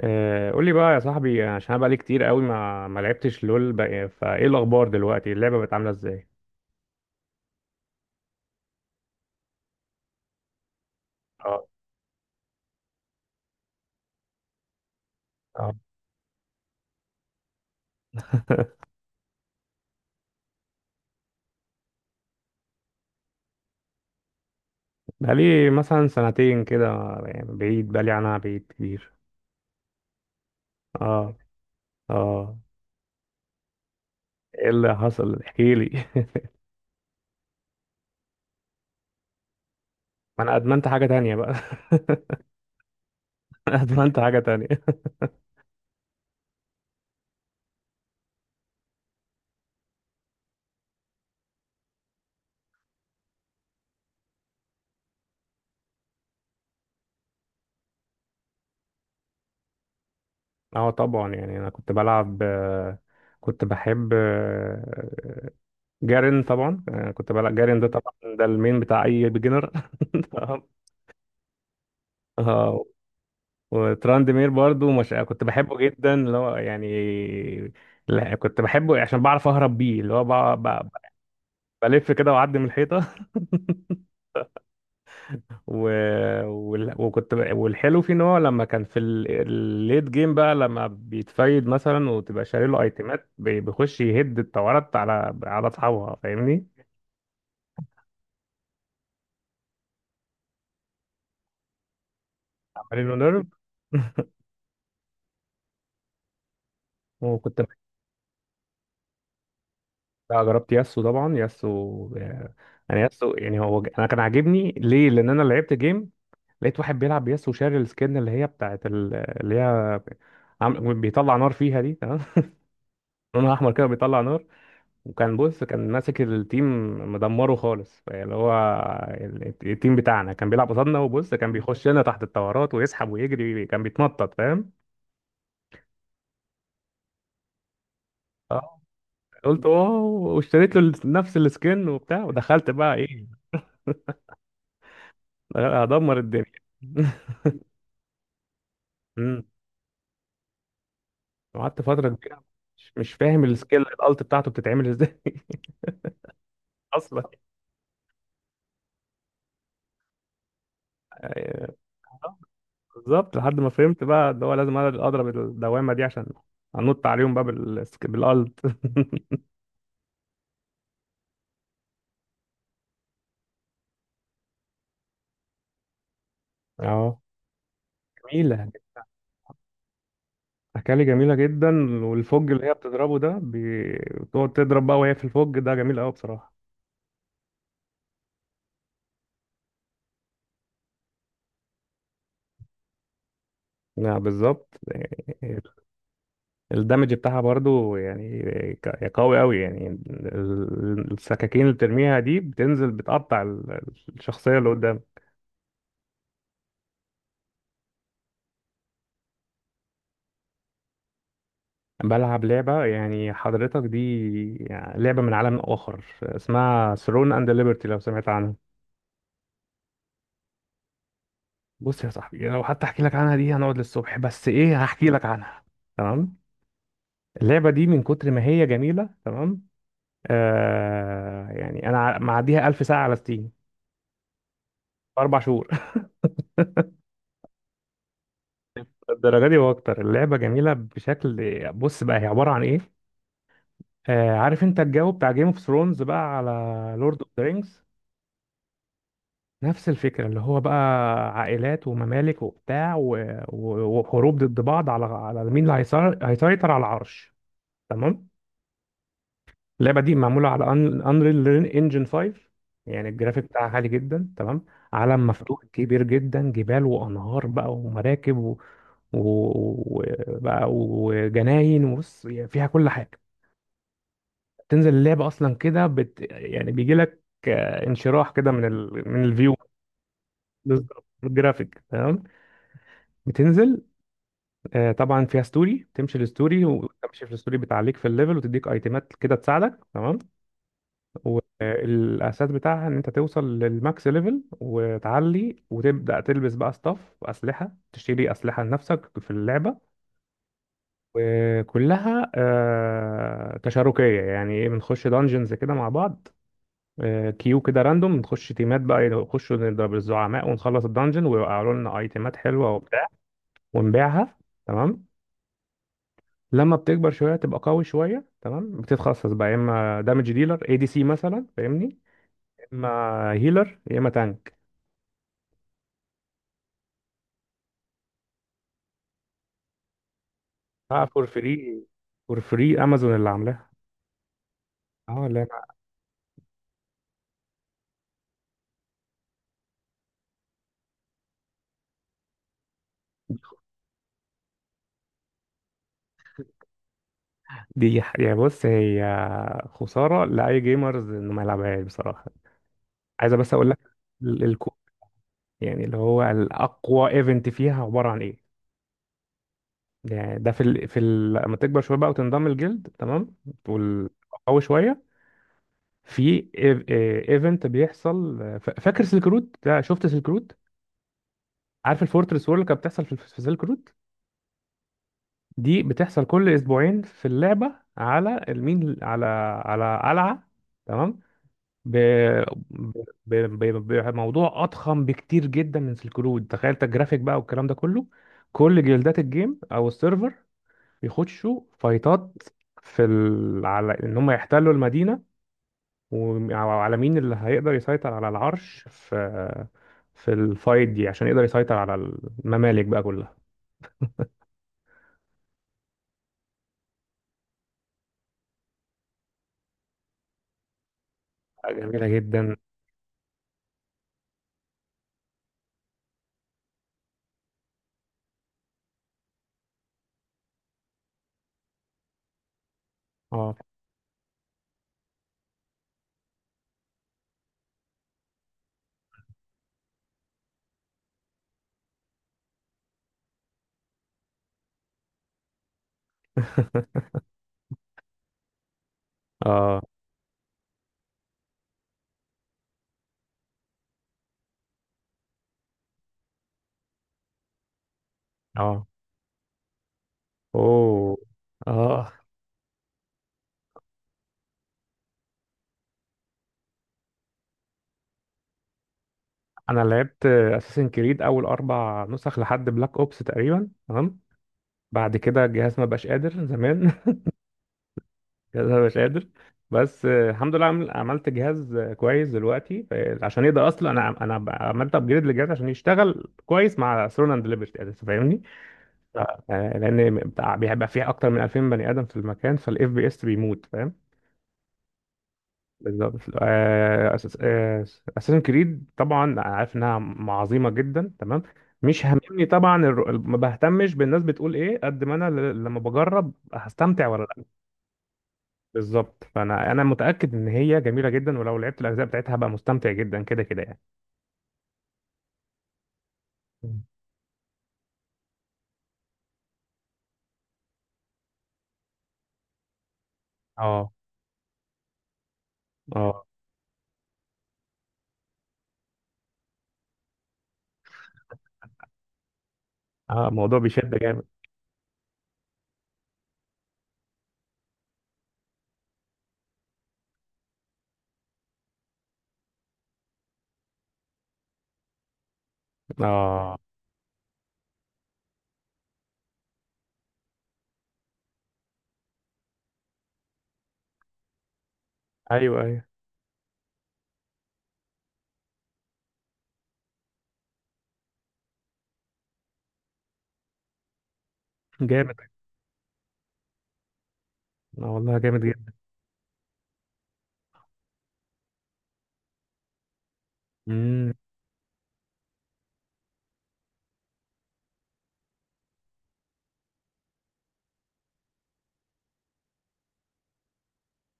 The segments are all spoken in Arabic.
قول لي بقى يا صاحبي، عشان انا بقالي كتير قوي ما لعبتش لول بقى، فايه الاخبار دلوقتي؟ اللعبه بقت عامله ازاي؟ اه. اه. بقالي مثلا سنتين كده، يعني بعيد، بقالي عنها بعيد كتير. اه. اه. ايه اللي حصل؟ احكي لي. ما انا ادمنت حاجه تانية بقى. ادمنت حاجه تانية. اه طبعا، يعني انا كنت بلعب، كنت بحب، جارين طبعا، كنت بلعب جارين، ده طبعا ده المين بتاع اي بيجنر. اه. وتراندمير برضو مش كنت بحبه جدا، اللي هو يعني، لا كنت بحبه عشان بعرف اهرب بيه، اللي هو بلف كده واعدي من الحيطه. و... وكنت والحلو فيه ان هو لما كان في الليت جيم بقى، لما بيتفايد مثلا وتبقى شاري له ايتمات، بيخش يهد التورات على اصحابها، فاهمني. عاملين له نيرف. وكنت بقى جربت ياسو، طبعا ياسو يعني، ياسو يعني هو انا كان عاجبني ليه، لان انا لعبت جيم لقيت واحد بيلعب بيس وشاري السكن، اللي هي بتاعت اللي هي بيطلع نار فيها دي، تمام. لونها احمر كده بيطلع نار. وكان بص كان ماسك التيم، مدمره خالص، اللي هو التيم بتاعنا كان بيلعب قصادنا، وبص كان بيخش لنا تحت الطورات ويسحب ويجري، كان بيتنطط، فاهم. اه. قلت واو، واشتريت له نفس السكن وبتاع، ودخلت بقى ايه، هدمر الدنيا. امم. وقعدت فترة كبيرة، مش فاهم السكيل الالت بتاعته بتتعمل ازاي. اصلا. بالظبط، لحد ما فهمت بقى اللي هو لازم أنا اضرب الدوامه دي، عشان انط عليهم بقى بالالت. اه. جميله. أكالي جميلة جدا، والفوج اللي هي بتضربه ده، بتقعد تضرب بقى وهي في الفوج ده، جميل أوي بصراحة. نعم بالظبط. الدمج بتاعها برضو يعني قوي أوي، يعني السكاكين اللي بترميها دي، بتنزل بتقطع الشخصية اللي. بلعب لعبة يعني حضرتك دي، يعني لعبة من عالم آخر اسمها ثرون اند ليبرتي، لو سمعت عنها. بص يا صاحبي، لو حتى احكي لك عنها دي هنقعد للصبح، بس ايه، هحكي لك عنها. تمام. اللعبة دي من كتر ما هي جميلة، تمام. آه يعني انا معديها 1000 ساعة على ستيم في 4 شهور. الدرجة دي واكتر. اللعبة جميلة بشكل، بص بقى هي عبارة عن ايه. آه، عارف انت الجو بتاع جيم اوف ثرونز بقى، على لورد اوف ذا رينجز. نفس الفكرة، اللي هو بقى عائلات وممالك وبتاع وحروب ضد بعض، على مين اللي هيسيطر على العرش، تمام. اللعبة دي معمولة على انريل انجن 5، يعني الجرافيك بتاعها عالي جدا، تمام. عالم مفتوح كبير جدا، جبال وأنهار بقى ومراكب و- وبقى وجناين وبص، يعني فيها كل حاجة. تنزل اللعبة أصلا كده يعني بيجي لك انشراح كده من من الفيو. بالظبط، الجرافيك، تمام. بتنزل، طبعا فيها ستوري، تمشي الستوري وتمشي في الستوري، بتعليك في الليفل وتديك ايتمات كده تساعدك، تمام. والاساس بتاعها ان انت توصل للماكس ليفل، وتعلي وتبدا تلبس بقى ستاف واسلحه، تشتري اسلحه لنفسك في اللعبه. وكلها تشاركيه، يعني ايه، بنخش دانجنز كده مع بعض، كيو كده راندوم، نخش تيمات بقى، نخش نضرب الزعماء ونخلص الدانجن، ويوقعوا لنا ايتمات حلوه وبتاع، ونبيعها، تمام. لما بتكبر شويه تبقى قوي شويه، تمام، بتتخصص بقى، يا اما دامج ديلر اي دي سي مثلا، فاهمني، يا اما هيلر، يا اما تانك. اه فور فري. فور فري، امازون اللي عاملاها. اه لا. دي يعني بص، هي خسارة لأي جيمرز إنه ما يلعبهاش بصراحة. عايزة بس أقول لك الكو، يعني اللي هو الأقوى إيفنت فيها عبارة عن إيه. يعني ده في في لما تكبر شوية بقى وتنضم الجلد، تمام، وال- قوي شوية، في ايفنت بيحصل، فاكر سلك رود ده؟ شفت سلك رود؟ عارف الفورترس وور اللي كانت بتحصل في سلك رود؟ دي بتحصل كل اسبوعين في اللعبه، على المين، على على قلعه، تمام. ب... ب... ب... بموضوع اضخم بكتير جدا من سلك رود، تخيل انت الجرافيك بقى والكلام ده كله. كل جلدات الجيم او السيرفر بيخشوا فايتات في على ان هم يحتلوا المدينه، وعلى مين اللي هيقدر يسيطر على العرش، في في الفايت دي، عشان يقدر يسيطر على الممالك بقى كلها. جميلة جدا. اه. اه. اه. اوه. اه. انا لعبت اساسن كريد اول 4 نسخ لحد بلاك اوبس تقريبا، تمام. بعد كده الجهاز ما بقاش قادر زمان. الجهاز ما بقاش قادر. بس الحمد لله، عملت جهاز كويس دلوقتي، عشان يقدر، اصلا انا انا عملت ابجريد للجهاز عشان يشتغل كويس مع ثرون اند ليبرتي، فاهمني. آه، لان بيبقى فيه اكتر من 2000 بني ادم في المكان، فالاف بي اس بيموت، فاهم. بالظبط. اساسن كريد طبعا أنا عارف انها عظيمه جدا، تمام، مش هممني طبعا ما بهتمش بالناس بتقول ايه، قد ما انا لما بجرب، هستمتع ولا لا. بالظبط، فانا انا متاكد ان هي جميله جدا، ولو لعبت الاجزاء بتاعتها هبقى مستمتع جدا كده كده يعني. مم. اه. اه. اه الموضوع بيشد جامد. اه. ايوه ايوه جامد. اه والله جامد جدا. مم.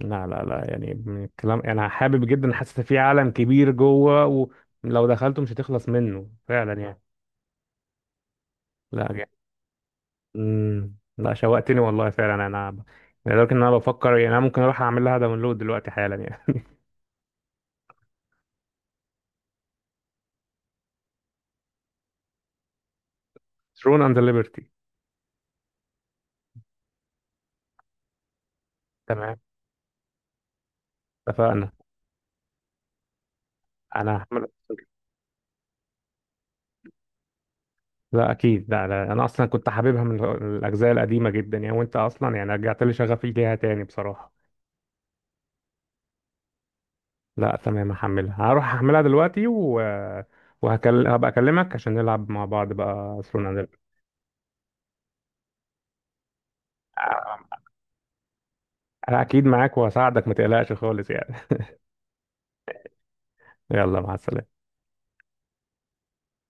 لا لا لا، يعني من الكلام انا حابب جدا، حاسس إن في عالم كبير جوه، ولو دخلته مش هتخلص منه فعلا يعني. لا جا- امم. لا شوقتني والله فعلا، انا لدرجه ان انا بفكر، يعني انا ممكن اروح اعمل لها داونلود دلوقتي حالا يعني. ثرون اند ليبرتي. تمام، اتفقنا. انا هعمل، لا اكيد، لا, لا انا اصلا كنت حاببها من الاجزاء القديمه جدا يعني، وانت اصلا يعني رجعت لي شغفي ليها تاني بصراحه. لا تمام، هحملها، هروح هحملها دلوقتي هبقى اكلمك عشان نلعب مع بعض بقى ثرون. انا اكيد معاك وهساعدك ما تقلقش خالص يعني. يلا مع السلامة.